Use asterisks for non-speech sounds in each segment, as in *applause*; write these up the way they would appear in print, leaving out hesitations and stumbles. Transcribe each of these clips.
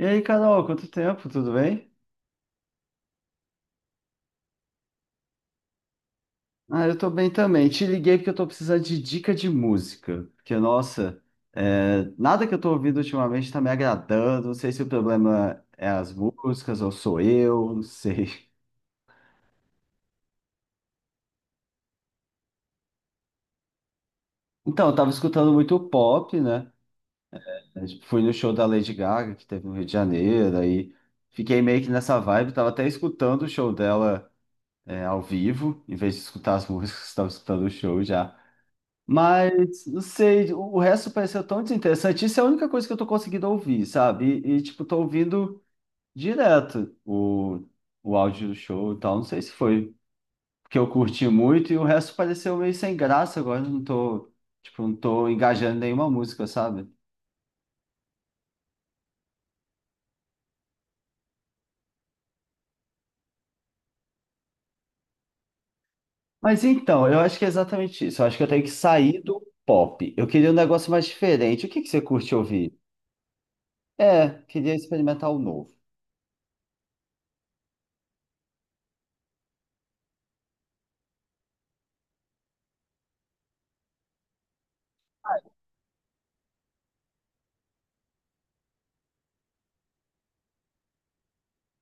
E aí, Carol, quanto tempo? Tudo bem? Ah, eu tô bem também. Te liguei porque eu tô precisando de dica de música. Porque, nossa, nada que eu tô ouvindo ultimamente tá me agradando. Não sei se o problema é as músicas ou sou eu, não sei. Então, eu tava escutando muito pop, né? Tipo, fui no show da Lady Gaga, que teve no Rio de Janeiro, aí fiquei meio que nessa vibe. Tava até escutando o show dela, ao vivo, em vez de escutar as músicas, *laughs* tava escutando o show já. Mas, não sei, o resto pareceu tão desinteressante. Isso é a única coisa que eu tô conseguindo ouvir, sabe? Tipo, tô ouvindo direto o áudio do show e tal. Não sei se foi porque eu curti muito e o resto pareceu meio sem graça agora. Eu Não tô, tipo, não tô engajando em nenhuma música, sabe? Mas então, eu acho que é exatamente isso. Eu acho que eu tenho que sair do pop. Eu queria um negócio mais diferente. O que que você curte ouvir? É, queria experimentar o novo.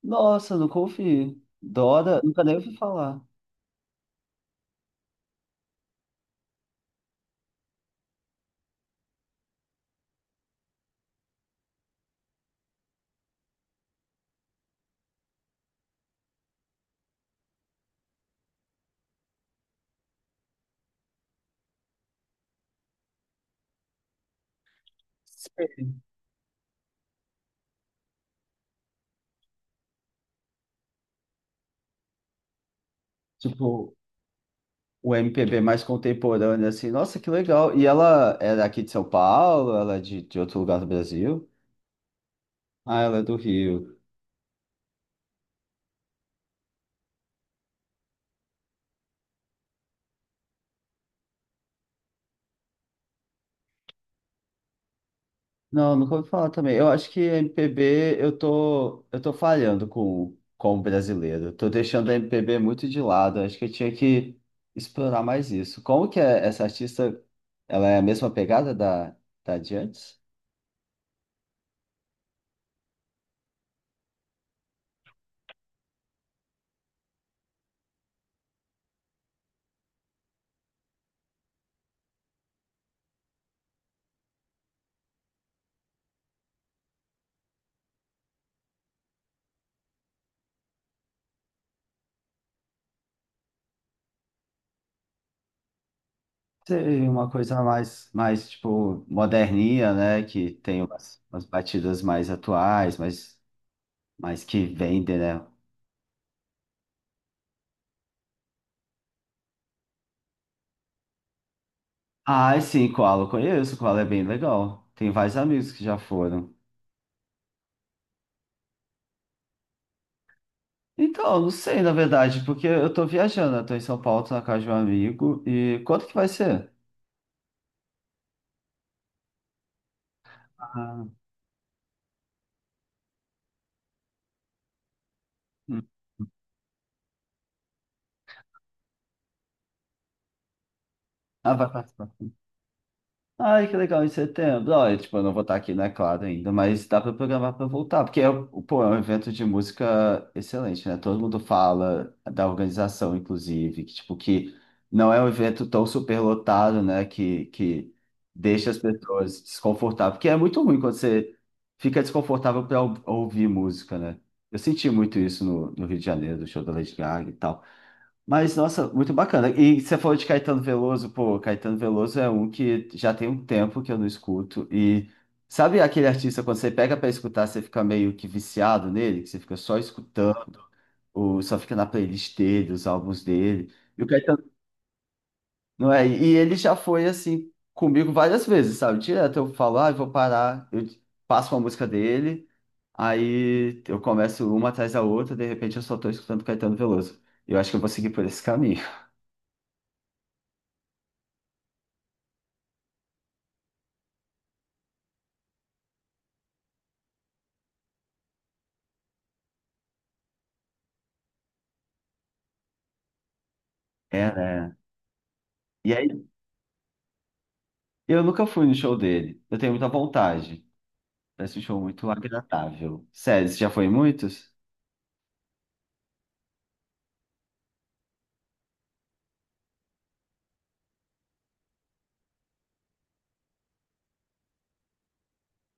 Nossa, nunca ouvi. Dora, nunca nem ouvi falar. Tipo, o MPB mais contemporâneo, assim. Nossa, que legal. E ela é daqui de São Paulo? Ela é de outro lugar do Brasil? Ah, ela é do Rio. Não, nunca ouvi falar também. Eu acho que MPB, eu tô falhando com o brasileiro. Tô deixando a MPB muito de lado. Acho que eu tinha que explorar mais isso. Como que é essa artista, ela é a mesma pegada da de antes? Seria uma coisa mais tipo, moderninha, né? Que tem umas batidas mais atuais, mas que vendem, né? Ah, sim, Koala eu conheço, Koala é bem legal. Tem vários amigos que já foram. Então, eu não sei, na verdade, porque eu tô viajando, eu tô em São Paulo, tô na casa de um amigo, e quanto que vai ser? Ah, hum. Ah, vai participar. Ai, que legal, em setembro. Olha, tipo, eu não vou estar aqui, né? Claro, ainda, mas dá para programar para voltar, porque é, um, pô, é um evento de música excelente, né? Todo mundo fala da organização, inclusive, que, tipo, que não é um evento tão superlotado, né? Que deixa as pessoas desconfortáveis, porque é muito ruim quando você fica desconfortável para ouvir música, né? Eu senti muito isso no Rio de Janeiro, do show da Lady Gaga e tal. Mas, nossa, muito bacana. E você falou de Caetano Veloso, pô, Caetano Veloso é um que já tem um tempo que eu não escuto. E sabe aquele artista, quando você pega pra escutar, você fica meio que viciado nele, que você fica só escutando, ou só fica na playlist dele, os álbuns dele. E o Caetano, não é? E ele já foi assim comigo várias vezes, sabe? Direto eu falo, ah, eu vou parar, eu passo uma música dele, aí eu começo uma atrás da outra, de repente eu só tô escutando Caetano Veloso. Eu acho que eu vou seguir por esse caminho. *laughs* É, né? E aí, eu nunca fui no show dele. Eu tenho muita vontade. Parece um show muito agradável. Sério, você já foi em muitos?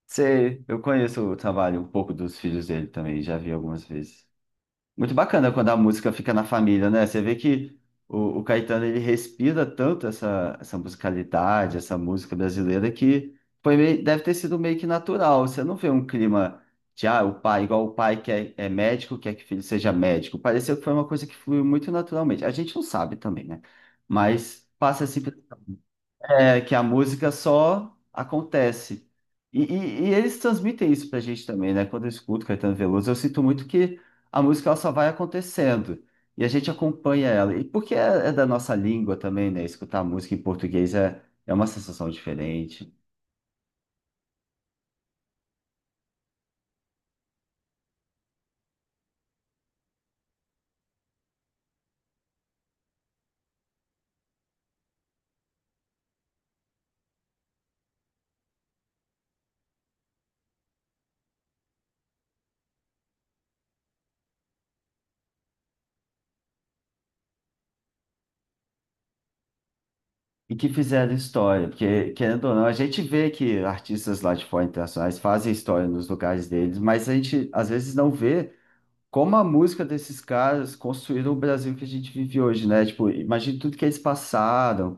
Sei, eu conheço o trabalho um pouco dos filhos dele também, já vi algumas vezes. Muito bacana quando a música fica na família, né? Você vê que o Caetano ele respira tanto essa musicalidade, essa música brasileira, que deve ter sido meio que natural. Você não vê um clima de, ah, o pai, igual o pai que é médico, quer que o filho seja médico. Pareceu que foi uma coisa que fluiu muito naturalmente. A gente não sabe também, né? Mas passa assim. É, que a música só acontece. E eles transmitem isso pra gente também, né? Quando eu escuto Caetano Veloso, eu sinto muito que a música ela só vai acontecendo e a gente acompanha ela. É da nossa língua também, né? Escutar música em português é uma sensação diferente. E que fizeram história, porque, querendo ou não, a gente vê que artistas lá de fora internacionais fazem história nos lugares deles, mas a gente às vezes não vê. Como a música desses caras construíram o Brasil que a gente vive hoje, né? Tipo, imagina tudo que eles passaram,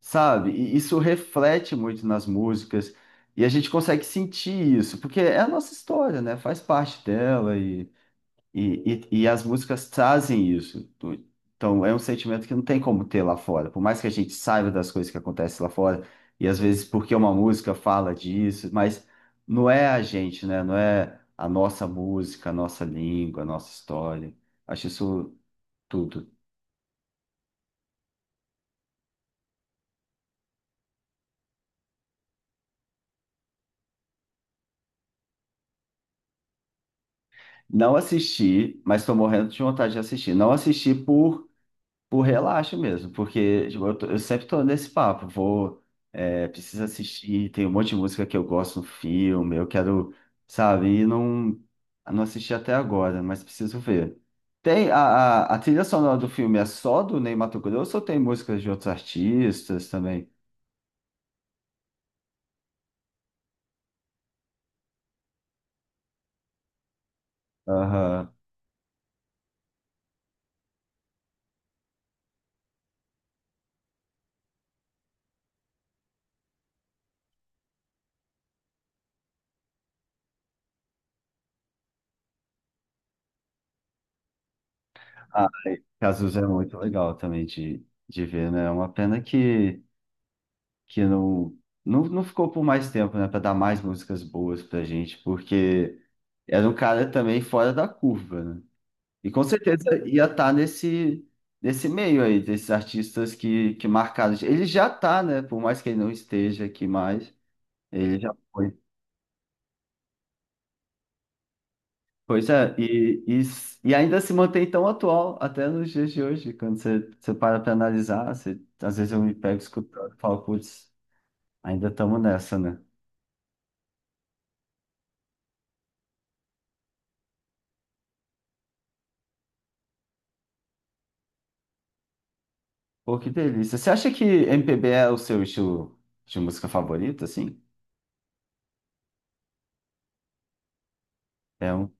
sabe? E isso reflete muito nas músicas e a gente consegue sentir isso, porque é a nossa história, né? Faz parte dela e as músicas trazem isso. Então, é um sentimento que não tem como ter lá fora. Por mais que a gente saiba das coisas que acontecem lá fora, e às vezes porque uma música fala disso, mas não é a gente, né? Não é a nossa música, a nossa língua, a nossa história. Acho isso tudo. Não assisti, mas estou morrendo de vontade de assistir. Não assisti por. Por relaxo mesmo, porque tipo, eu sempre tô nesse papo, preciso assistir, tem um monte de música que eu gosto no filme, eu quero, sabe, não assisti até agora, mas preciso ver. Tem a, a trilha sonora do filme é só do Ney Matogrosso ou tem músicas de outros artistas também? Aham. Ah, Cazuza é muito legal também de ver, né? É uma pena que não, não ficou por mais tempo, né, para dar mais músicas boas pra gente, porque era um cara também fora da curva, né? E com certeza ia estar nesse, nesse meio aí, desses artistas que marcaram. Ele já tá, né? Por mais que ele não esteja aqui mais, ele já foi. Pois é, e ainda se mantém tão atual até nos dias de hoje, quando você para para analisar, às vezes eu me pego escutando e falo, putz, ainda estamos nessa, né? Pô, que delícia. Você acha que MPB é o seu estilo de música favorito, assim? É um.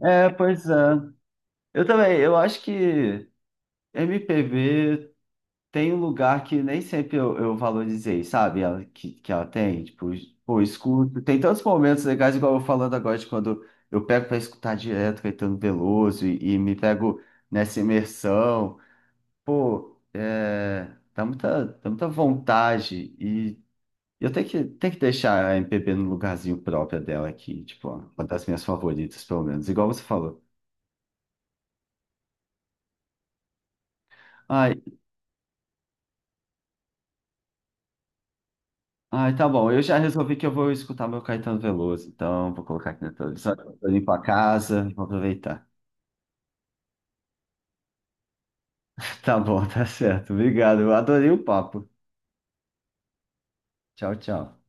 É, pois é. Eu também, eu acho que MPB tem um lugar que nem sempre eu valorizei, sabe? Ela, que ela tem, tipo, pô, eu escuto. Tem tantos momentos legais, igual eu falando agora, de quando eu pego pra escutar direto Caetano Veloso e me pego nessa imersão. Pô, é, dá muita vontade. E eu tenho tenho que deixar a MPB no lugarzinho próprio dela aqui, tipo, ó, uma das minhas favoritas, pelo menos, igual você falou. Ai, ai, tá bom, eu já resolvi que eu vou escutar meu Caetano Veloso, então vou colocar aqui na televisão, vou limpar a casa, vou aproveitar. Tá bom, *laughs* tá certo, obrigado, eu adorei o papo. Tchau, tchau.